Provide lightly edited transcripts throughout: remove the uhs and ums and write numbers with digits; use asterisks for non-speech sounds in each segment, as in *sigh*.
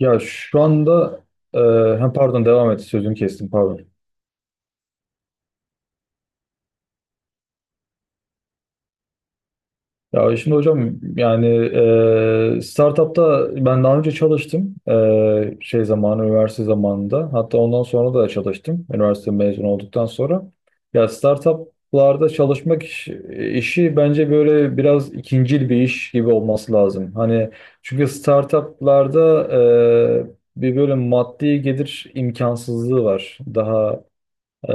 Ya şu anda e, hem pardon devam et sözünü kestim pardon. Ya şimdi hocam, yani startupta ben daha önce çalıştım. Şey zamanı, üniversite zamanında, hatta ondan sonra da çalıştım, üniversite mezun olduktan sonra. Ya startuplarda çalışmak işi bence böyle biraz ikincil bir iş gibi olması lazım. Hani çünkü startuplarda bir böyle maddi gelir imkansızlığı var daha. e,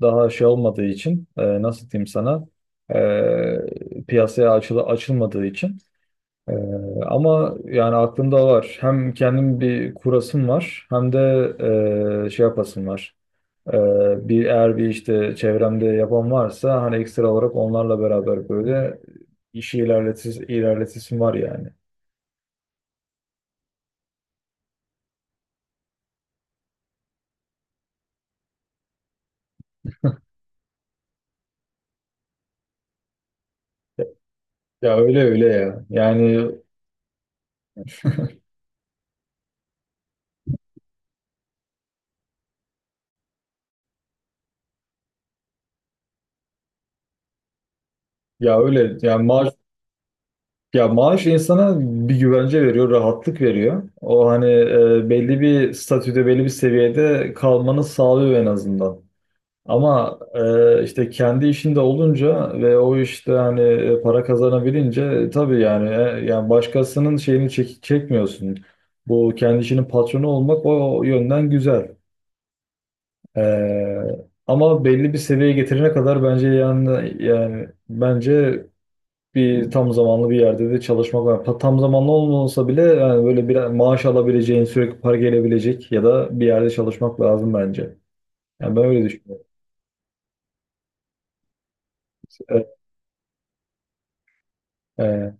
Daha şey olmadığı için, nasıl diyeyim sana, piyasaya açılmadığı için. E, Ama yani aklımda var, hem kendim bir kurasım var, hem de şey yapasım var. E, bir Eğer bir işte çevremde yapan varsa, hani ekstra olarak onlarla beraber böyle işi ilerletis ilerletisim var yani. Ya öyle öyle ya. Yani ya öyle yani maaş Ya maaş insana bir güvence veriyor, rahatlık veriyor. O hani belli bir statüde, belli bir seviyede kalmanı sağlıyor en azından. Ama işte kendi işinde olunca ve o işte hani para kazanabilince tabii yani, yani başkasının şeyini çekmiyorsun. Bu kendi işinin patronu olmak o yönden güzel. Ama belli bir seviyeye getirene kadar bence yani yani bence bir tam zamanlı bir yerde de çalışmak var. Tam zamanlı olmasa bile yani böyle bir maaş alabileceğin, sürekli para gelebilecek ya da bir yerde çalışmak lazım bence. Yani ben öyle düşünüyorum. Evet. Ee,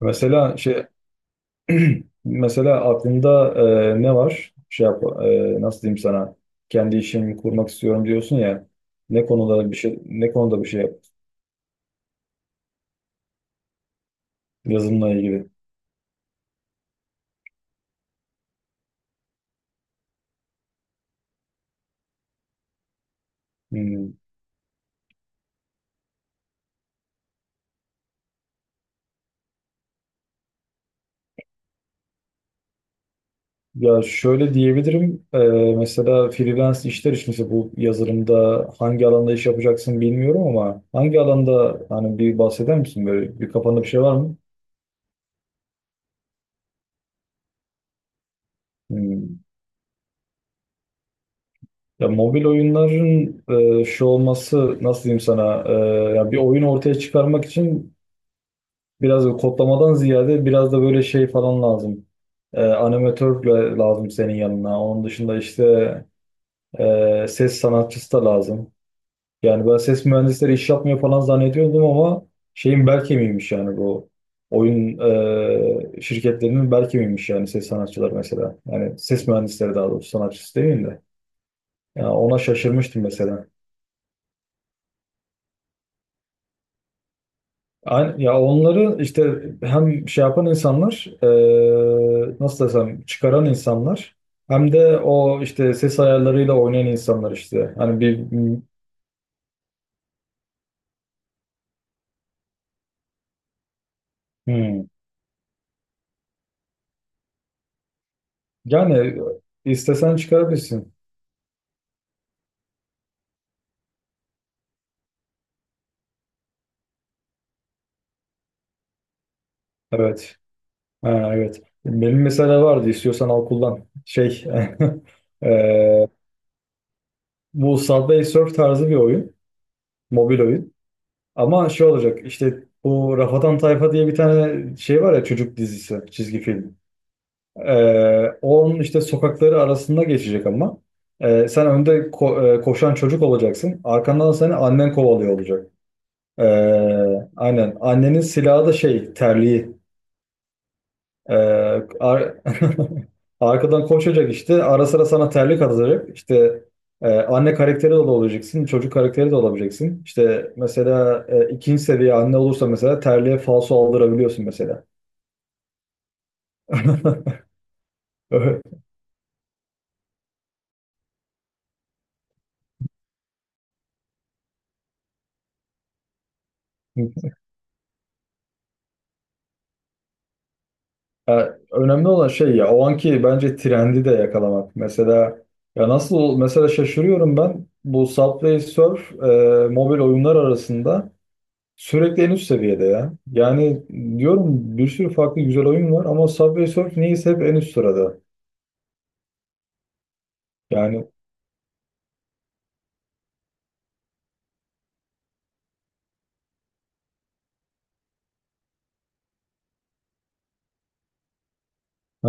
Mesela şey, *clears throat* mesela aklında ne var? Şey yap, nasıl diyeyim sana? Kendi işimi kurmak istiyorum diyorsun ya. Ne konuda bir şey yap? Yazılımla ilgili. Hmm. Ya şöyle diyebilirim. Mesela freelance işler için, mesela bu yazılımda hangi alanda iş yapacaksın bilmiyorum ama hangi alanda hani bir bahseder misin, böyle bir kafanda bir şey var mı? Hmm. Ya mobil oyunların şu olması, nasıl diyeyim sana, ya bir oyun ortaya çıkarmak için biraz da kodlamadan ziyade biraz da böyle şey falan lazım. Animatör de lazım senin yanına. Onun dışında işte ses sanatçısı da lazım. Yani ben ses mühendisleri iş yapmıyor falan zannediyordum ama şeyin bel kemiğiymiş yani, bu oyun şirketlerinin bel kemiğiymiş yani, ses sanatçılar mesela. Yani ses mühendisleri daha doğrusu, sanatçısı değil de. Yani ona şaşırmıştım mesela. Aynı, ya onları işte hem şey yapan insanlar, nasıl desem, çıkaran insanlar, hem de o işte ses ayarlarıyla oynayan insanlar işte. Hani bir hmm. Yani istesen çıkarabilirsin. Evet. Ha, evet. Benim mesela vardı, istiyorsan al kullan. Şey *laughs* eee, bu Subway Surf tarzı bir oyun. Mobil oyun. Ama şey olacak işte, bu Rafadan Tayfa diye bir tane şey var ya, çocuk dizisi çizgi film. Onun işte sokakları arasında geçecek ama. Sen önde koşan çocuk olacaksın. Arkandan seni annen kovalıyor olacak. Aynen. Annenin silahı da şey, terliği. Ee, ar- *laughs* arkadan koşacak işte. Ara sıra sana terlik atacak. İşte anne karakteri de olabileceksin. Çocuk karakteri de olabileceksin. İşte mesela ikinci seviye anne olursa mesela, terliğe falso aldırabiliyorsun mesela. *laughs* Ö- Ya, önemli olan şey, ya o anki bence trendi de yakalamak. Mesela ya nasıl, mesela şaşırıyorum ben bu Subway Surf, mobil oyunlar arasında sürekli en üst seviyede ya. Yani diyorum bir sürü farklı güzel oyun var ama Subway Surf niyeyse hep en üst sırada. Yani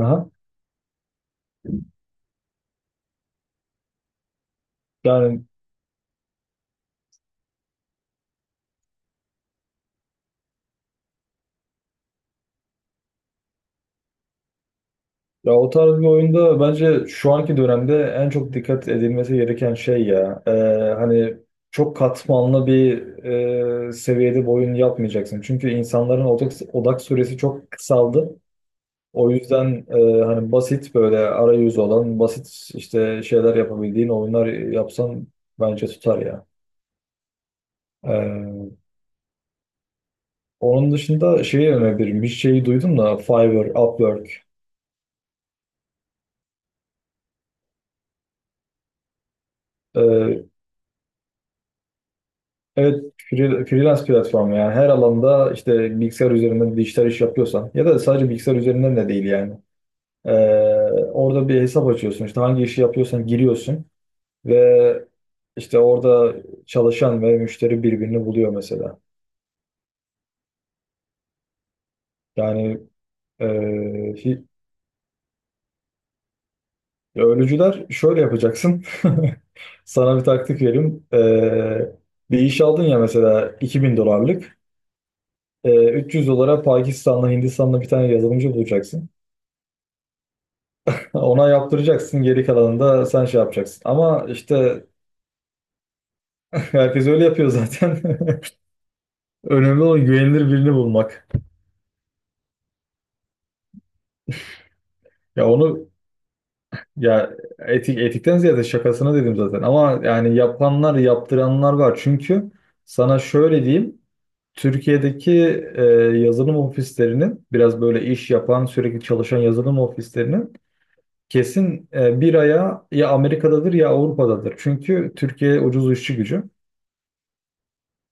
aha, yani ya o tarz bir oyunda bence şu anki dönemde en çok dikkat edilmesi gereken şey ya. Hani çok katmanlı bir seviyede bir oyun yapmayacaksın. Çünkü insanların odak süresi çok kısaldı. O yüzden hani basit böyle arayüz olan, basit işte şeyler yapabildiğin oyunlar yapsan bence tutar ya. Ee, Onun dışında şeyi önerebilirim. Bir şeyi duydum da, Fiverr, Upwork. Ee, evet, freelance platformu, yani her alanda işte bilgisayar üzerinden dijital iş yapıyorsan ya da sadece bilgisayar üzerinden de değil yani. Ee, Orada bir hesap açıyorsun, işte hangi işi yapıyorsan giriyorsun ve işte orada çalışan ve müşteri birbirini buluyor mesela. Yani e, hi- ölücüler şöyle yapacaksın. *laughs* Sana bir taktik vereyim. Bir iş aldın ya mesela, 2.000 dolarlık. 300 dolara Pakistan'la, Hindistan'la bir tane yazılımcı bulacaksın. *laughs* Ona yaptıracaksın, geri kalanını da sen şey yapacaksın. Ama işte *laughs* herkes öyle yapıyor zaten. *laughs* Önemli olan güvenilir birini bulmak. Ya onu ya etik, etikten ziyade şakasına dedim zaten. Ama yani yapanlar, yaptıranlar var. Çünkü sana şöyle diyeyim. Türkiye'deki e, yazılım ofislerinin biraz böyle iş yapan sürekli çalışan yazılım ofislerinin kesin bir aya ya Amerika'dadır ya Avrupa'dadır. Çünkü Türkiye ucuz işçi gücü.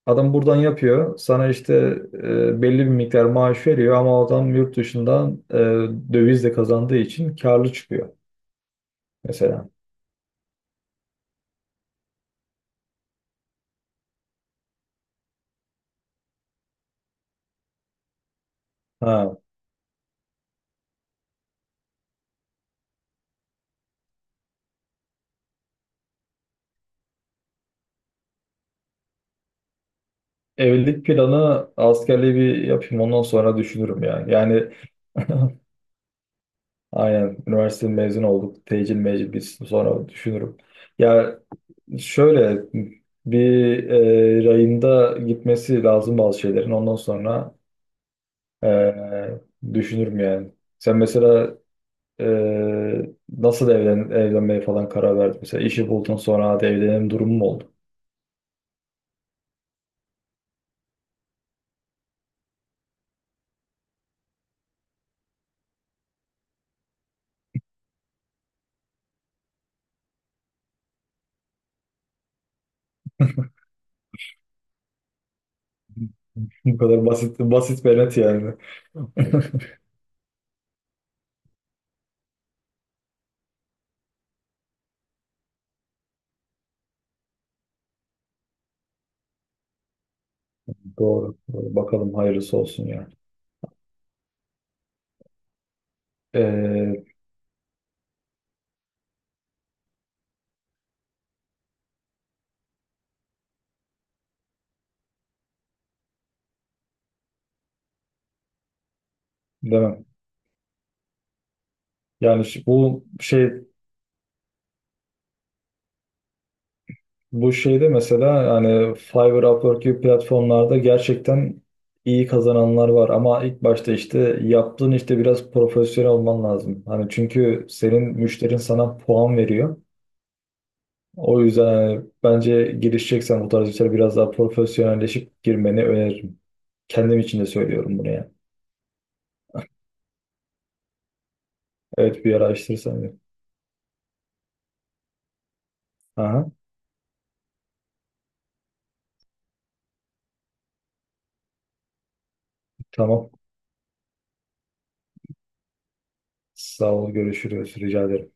Adam buradan yapıyor. Sana işte belli bir miktar maaş veriyor ama adam yurt dışından dövizle kazandığı için karlı çıkıyor mesela. Ha, evlilik planı, askerliği bir yapayım ondan sonra düşünürüm ya. Yani *laughs* aynen, üniversite mezun olduk. Tecil mecil bitsin sonra düşünürüm. Ya Şöyle bir rayında gitmesi lazım bazı şeylerin. Ondan sonra e, düşünürüm yani. Sen mesela e, nasıl evlenmeye falan karar verdin? Mesela işi buldun sonra hadi evlenelim durumu mu oldu? *laughs* Bu kadar basit, basit ve net yani. *laughs* Doğru. Doğru. Bakalım hayırlısı olsun ya. E, demem. Yani şu- bu şey Bu şeyde mesela hani Fiverr, Upwork gibi platformlarda gerçekten iyi kazananlar var, ama ilk başta işte yaptığın işte biraz profesyonel olman lazım. Hani çünkü senin müşterin sana puan veriyor. O yüzden hani bence girişeceksen bu tarz işlere biraz daha profesyonelleşip girmeni öneririm. Kendim için de söylüyorum bunu ya. Evet, bir araştırırsan. Aha, tamam. Sağ ol, görüşürüz. Rica ederim.